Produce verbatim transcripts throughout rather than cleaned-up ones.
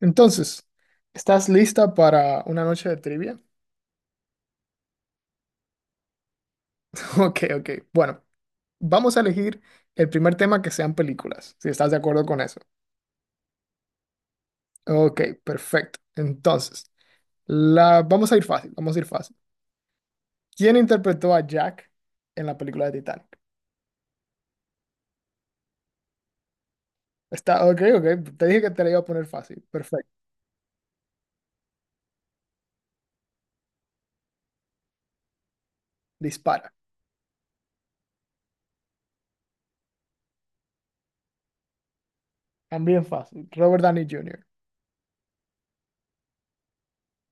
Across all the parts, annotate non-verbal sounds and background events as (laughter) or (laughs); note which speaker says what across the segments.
Speaker 1: Entonces, ¿estás lista para una noche de trivia? (laughs) Ok, ok. Bueno, vamos a elegir el primer tema que sean películas, si estás de acuerdo con eso. Ok, perfecto. Entonces, la... vamos a ir fácil, vamos a ir fácil. ¿Quién interpretó a Jack en la película de Titanic? Está, ok, ok. Te dije que te la iba a poner fácil. Perfecto. Dispara. También fácil. Robert Downey junior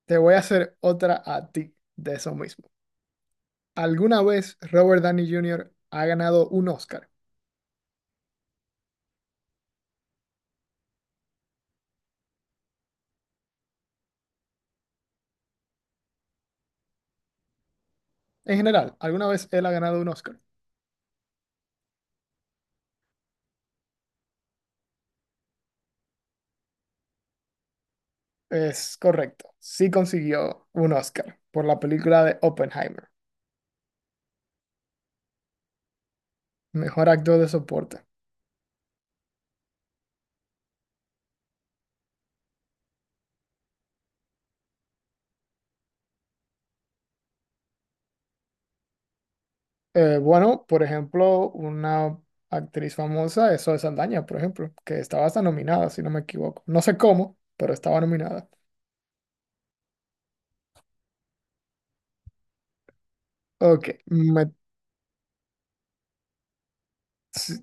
Speaker 1: Te voy a hacer otra a ti de eso mismo. ¿Alguna vez Robert Downey junior ha ganado un Oscar? En general, alguna vez él ha ganado un Oscar. Es correcto. Sí consiguió un Oscar por la película de Oppenheimer, mejor actor de soporte. Eh, bueno, por ejemplo, una actriz famosa es Zoe Saldaña, por ejemplo, que estaba hasta nominada, si no me equivoco. No sé cómo, pero estaba nominada. Ok, me- s-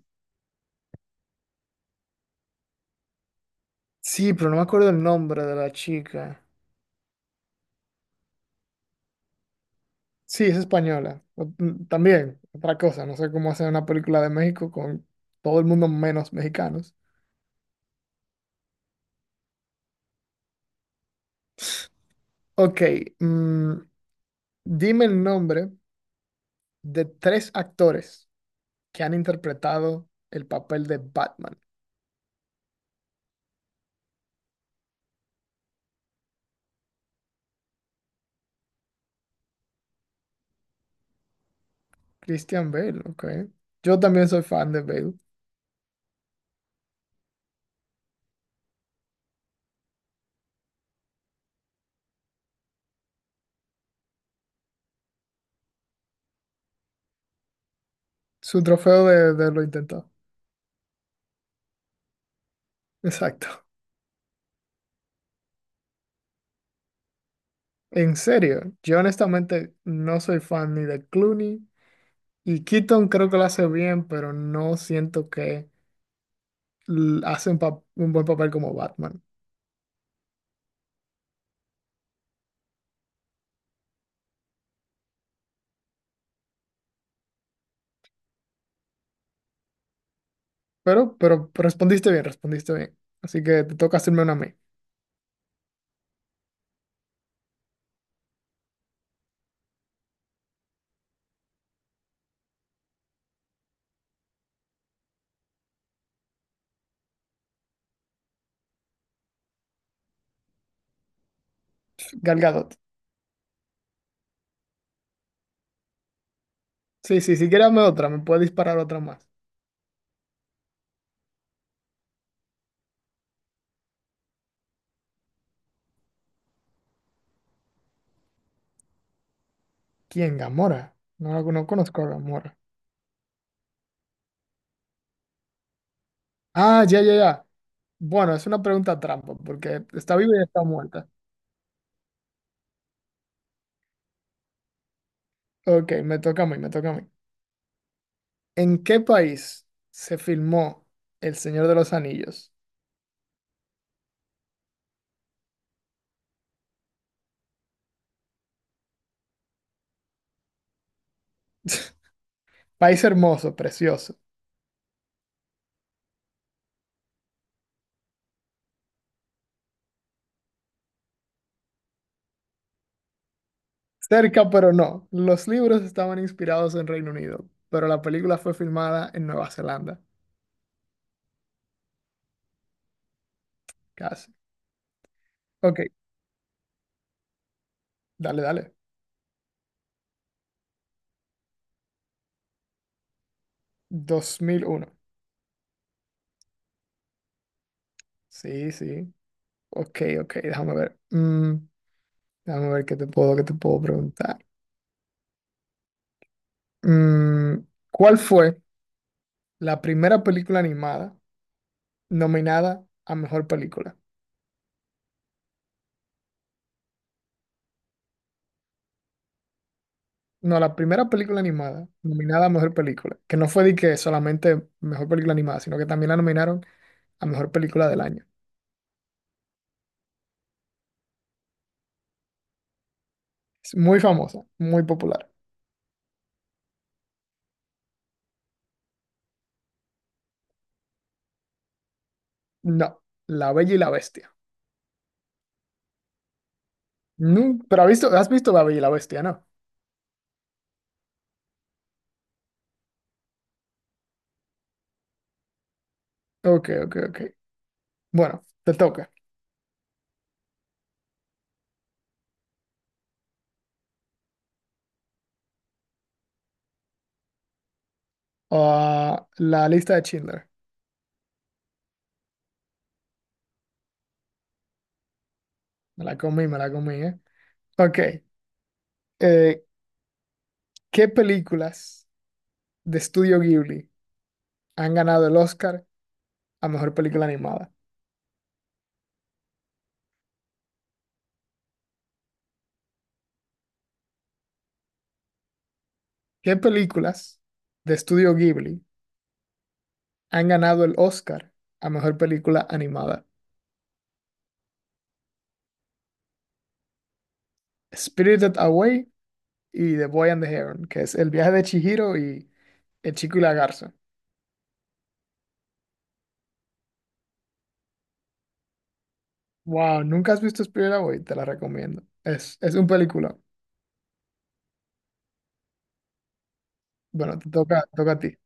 Speaker 1: sí, pero no me acuerdo el nombre de la chica. Sí, es española. O- mm, También, otra cosa, no sé cómo hacer una película de México con todo el mundo menos mexicanos. Ok, mm, dime el nombre de tres actores que han interpretado el papel de Batman. Christian Bale, ok. Yo también soy fan de Bale. Su trofeo de, de lo intentado. (laughs) Exacto. En serio, yo honestamente no soy fan ni de Clooney. Y Keaton creo que lo hace bien, pero no siento que l- hace un, pa- un buen papel como Batman. Pero, pero respondiste bien, respondiste bien. Así que te toca hacerme una a mí. Gal Gadot. Sí, sí, sí, quírame otra, me puede disparar otra más. ¿Quién? Gamora. No, la- no conozco a Gamora. Ah, ya, ya, ya. Bueno, es una pregunta trampa, porque está viva y está muerta. Ok, me toca a mí, me toca a mí. ¿En qué país se filmó El Señor de los Anillos? (laughs) País hermoso, precioso. Cerca, pero no. Los libros estaban inspirados en Reino Unido, pero la película fue filmada en Nueva Zelanda, casi. Ok, dale, dale. dos mil uno. Sí, sí. Ok, ok, déjame ver. Mm, déjame ver qué te puedo, qué te puedo preguntar. Mm, ¿cuál fue la primera película animada nominada a mejor película? No, la primera película animada nominada a mejor película, que no fue de que solamente mejor película animada, sino que también la nominaron a mejor película del año. Es muy famosa, muy popular. No, La Bella y la Bestia. No, pero has visto, has visto La Bella y la Bestia, ¿no? Ok, ok, ok. Bueno, te toca. Ah, la lista de Schindler. Me la comí, me la comí, ¿eh? Ok. eh, ¿qué películas de Estudio Ghibli han ganado el Oscar a Mejor Película Animada? ¿Qué películas de Estudio Ghibli han ganado el Oscar a Mejor Película Animada? Spirited Away y The Boy and the Heron, que es El viaje de Chihiro y El chico y la garza. Wow, ¿nunca has visto Spirited Away? Te la recomiendo. Es, es un película. Bueno, te toca, te toca a ti.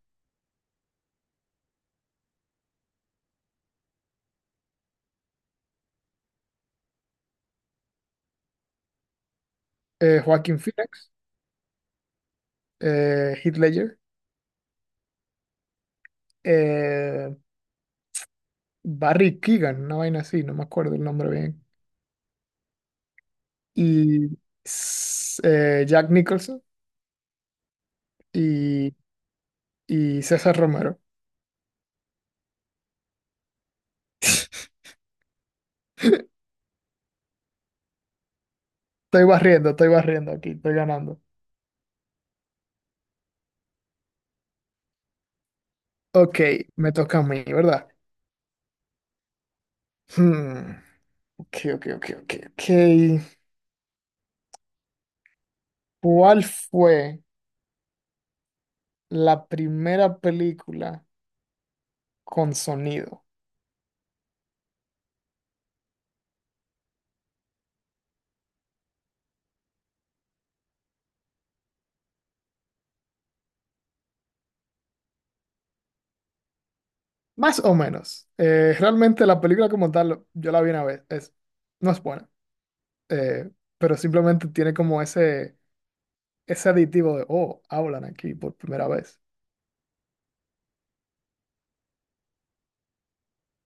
Speaker 1: Eh, Joaquin Phoenix, eh, Heath Ledger, eh, Barry Keegan, una vaina así, no me acuerdo el nombre bien. Y s- eh, Jack Nicholson y, y César Romero. (laughs) Estoy barriendo, estoy barriendo aquí, estoy ganando. Ok, me toca a mí, ¿verdad? Hmm, ok, ok, ok, ok, ok. ¿Cuál fue la primera película con sonido? Más o menos. Eh, realmente la película como tal, yo la vi una vez, es, no es buena, eh, pero simplemente tiene como ese... ese aditivo de, oh, hablan aquí por primera vez.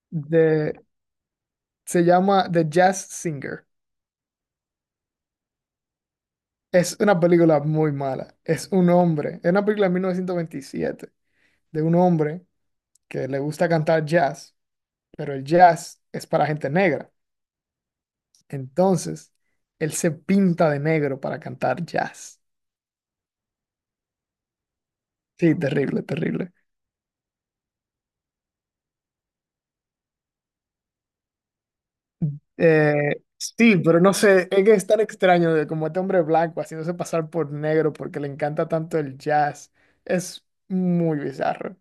Speaker 1: De, se llama The Jazz Singer. Es una película muy mala. Es un hombre, es una película de mil novecientos veintisiete de un hombre que le gusta cantar jazz, pero el jazz es para gente negra. Entonces, él se pinta de negro para cantar jazz. Sí, terrible, terrible. Eh, sí, pero no sé, es que es tan extraño de como este hombre blanco haciéndose pasar por negro porque le encanta tanto el jazz. Es muy bizarro.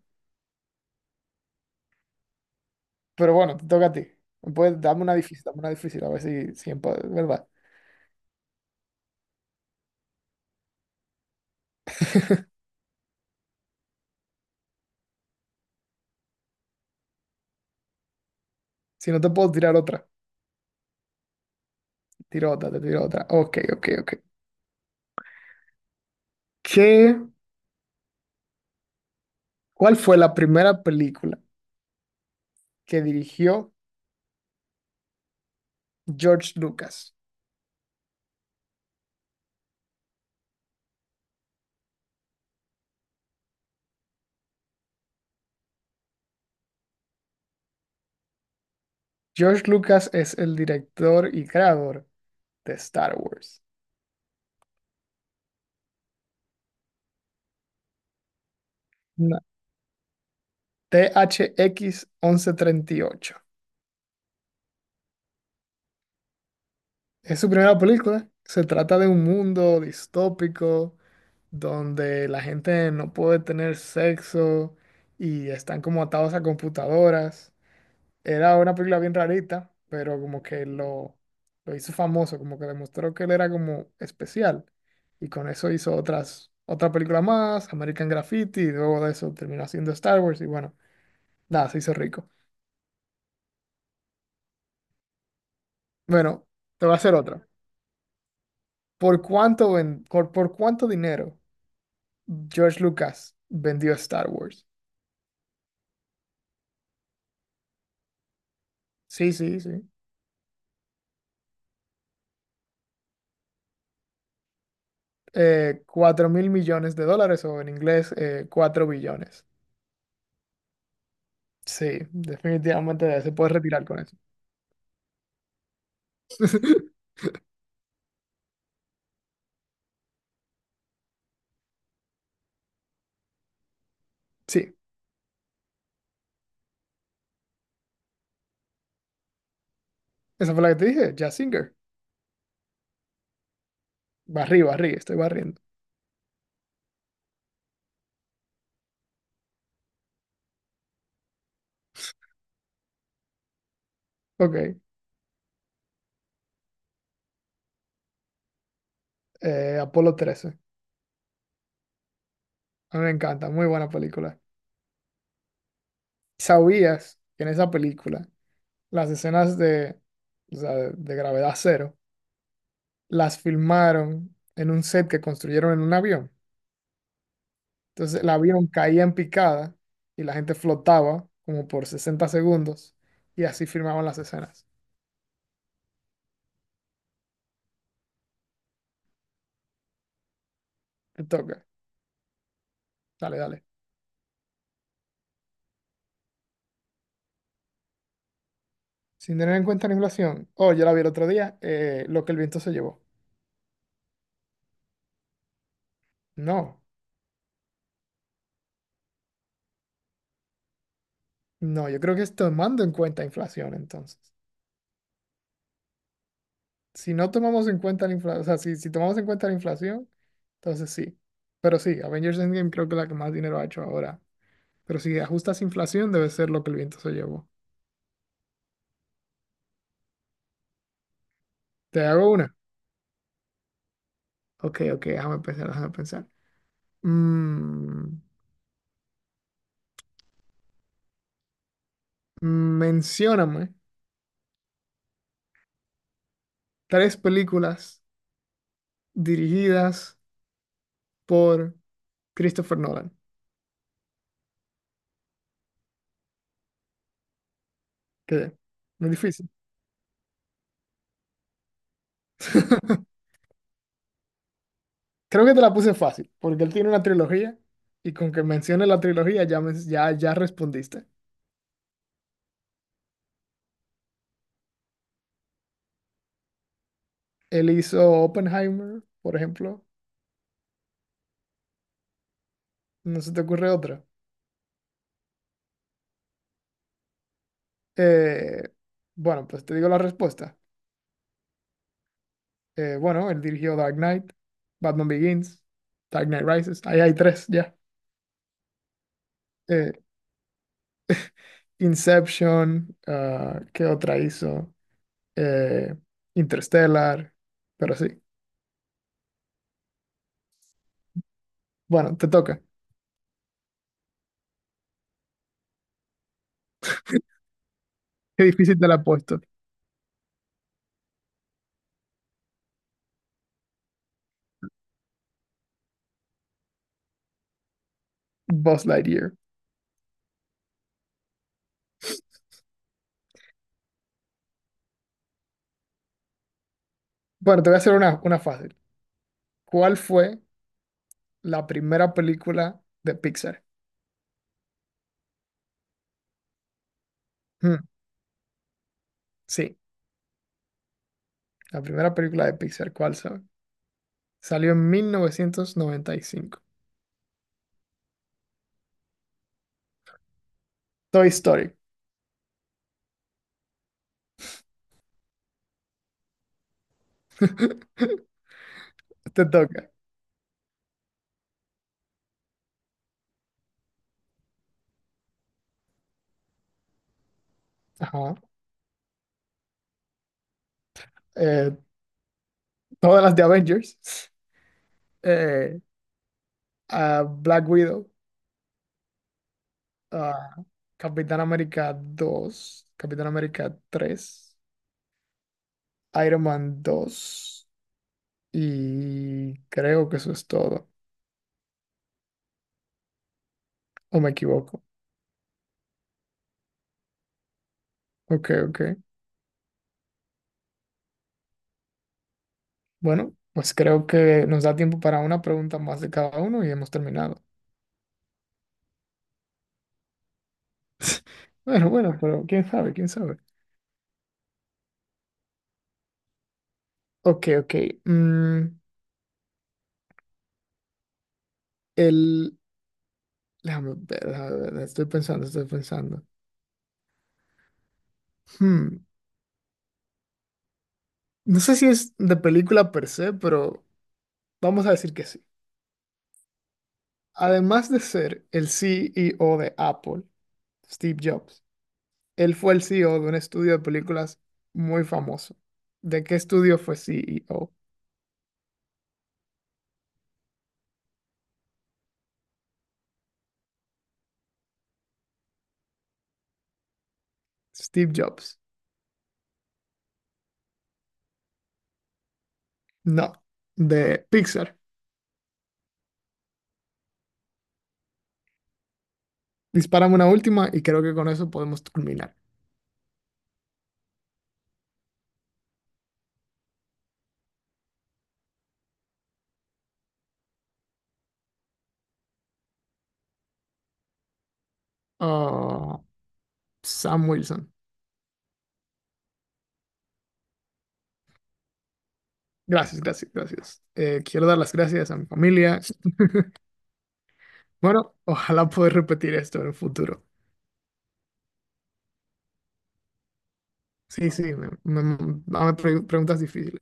Speaker 1: Pero bueno, te toca a ti. Puedes, dame una difícil, dame una difícil, a ver si, si empa- ¿verdad? Si no te puedo tirar otra, tiro otra, te tiro otra. Ok, ok, ok. ¿Qué, ¿cuál fue la primera película que dirigió George Lucas? George Lucas es el director y creador de Star Wars. T H X once treinta y ocho. Es su primera película. Se trata de un mundo distópico donde la gente no puede tener sexo y están como atados a computadoras. Era una película bien rarita, pero como que lo, lo hizo famoso, como que demostró que él era como especial. Y con eso hizo otras, otra película más, American Graffiti, y luego de eso terminó haciendo Star Wars y bueno, nada, se hizo rico. Bueno, te voy a hacer otra. ¿Por cuánto, ven- por, por cuánto dinero George Lucas vendió Star Wars? Sí, sí, sí. Eh, cuatro mil millones de dólares o en inglés eh, cuatro billones. Sí, definitivamente se puede retirar con eso. (laughs) Sí, esa fue la que te dije, Jazz Singer. Barrí, barrí, estoy barriendo. Ok, eh, Apolo trece. A mí me encanta, muy buena película. ¿Sabías que en esa película las escenas de, o sea, de gravedad cero las filmaron en un set que construyeron en un avión? Entonces el avión caía en picada y la gente flotaba como por sesenta segundos y así filmaban las escenas. Te toca. Dale, dale. Sin tener en cuenta la inflación. Oh, yo la vi el otro día, eh, lo que el viento se llevó. No, no, yo creo que es tomando en cuenta inflación entonces. Si no tomamos en cuenta la inflación, o sea, si, si tomamos en cuenta la inflación, entonces sí. Pero sí, Avengers Endgame creo que es la que más dinero ha hecho ahora. Pero si ajustas inflación, debe ser lo que el viento se llevó. Te hago una. Ok, ok, déjame pensar, déjame pensar. Mm, mencióname tres películas dirigidas por Christopher Nolan. ¿Qué? Muy difícil. (laughs) Creo que te la puse fácil, porque él tiene una trilogía y con que mencione la trilogía ya, men- ya, ya respondiste. Él hizo Oppenheimer, por ejemplo. ¿No se te ocurre otra? Eh, bueno, pues te digo la respuesta. Eh, bueno, él dirigió Dark Knight, Batman Begins, Dark Knight Rises. Ahí hay tres ya. Eh, Inception, ah, ¿qué otra hizo? Eh, Interstellar, pero sí. Bueno, te toca. Qué difícil te la he puesto. Buzz Lightyear. Bueno, te voy a hacer una, una fácil. ¿Cuál fue la primera película de Pixar? Hmm, sí, la primera película de Pixar, ¿cuál sabe? Salió en mil novecientos noventa y cinco. Toy Story. (laughs) Te toca. Ajá. Eh, todas las de Avengers, eh, a Black Widow, a Capitán América dos Capitán América tres Iron Man dos y creo que eso es todo, o me equivoco. Ok, ok. Bueno, pues creo que nos da tiempo para una pregunta más de cada uno y hemos terminado. (laughs) Bueno, bueno, pero quién sabe, quién sabe. Ok, ok. mm, el... Déjame ver, déjame ver, estoy pensando, estoy pensando. Hmm. No sé si es de película per se, pero vamos a decir que sí. Además de ser el C E O de Apple, Steve Jobs, él fue el C E O de un estudio de películas muy famoso. ¿De qué estudio fue C E O? Steve Jobs. No, de Pixar. Dispárame una última y creo que con eso podemos culminar. Ah, Sam Wilson. Gracias, gracias, gracias. Eh, quiero dar las gracias a mi familia. Bueno, ojalá poder repetir esto en el futuro. Sí, sí, me, me- dame preguntas difíciles.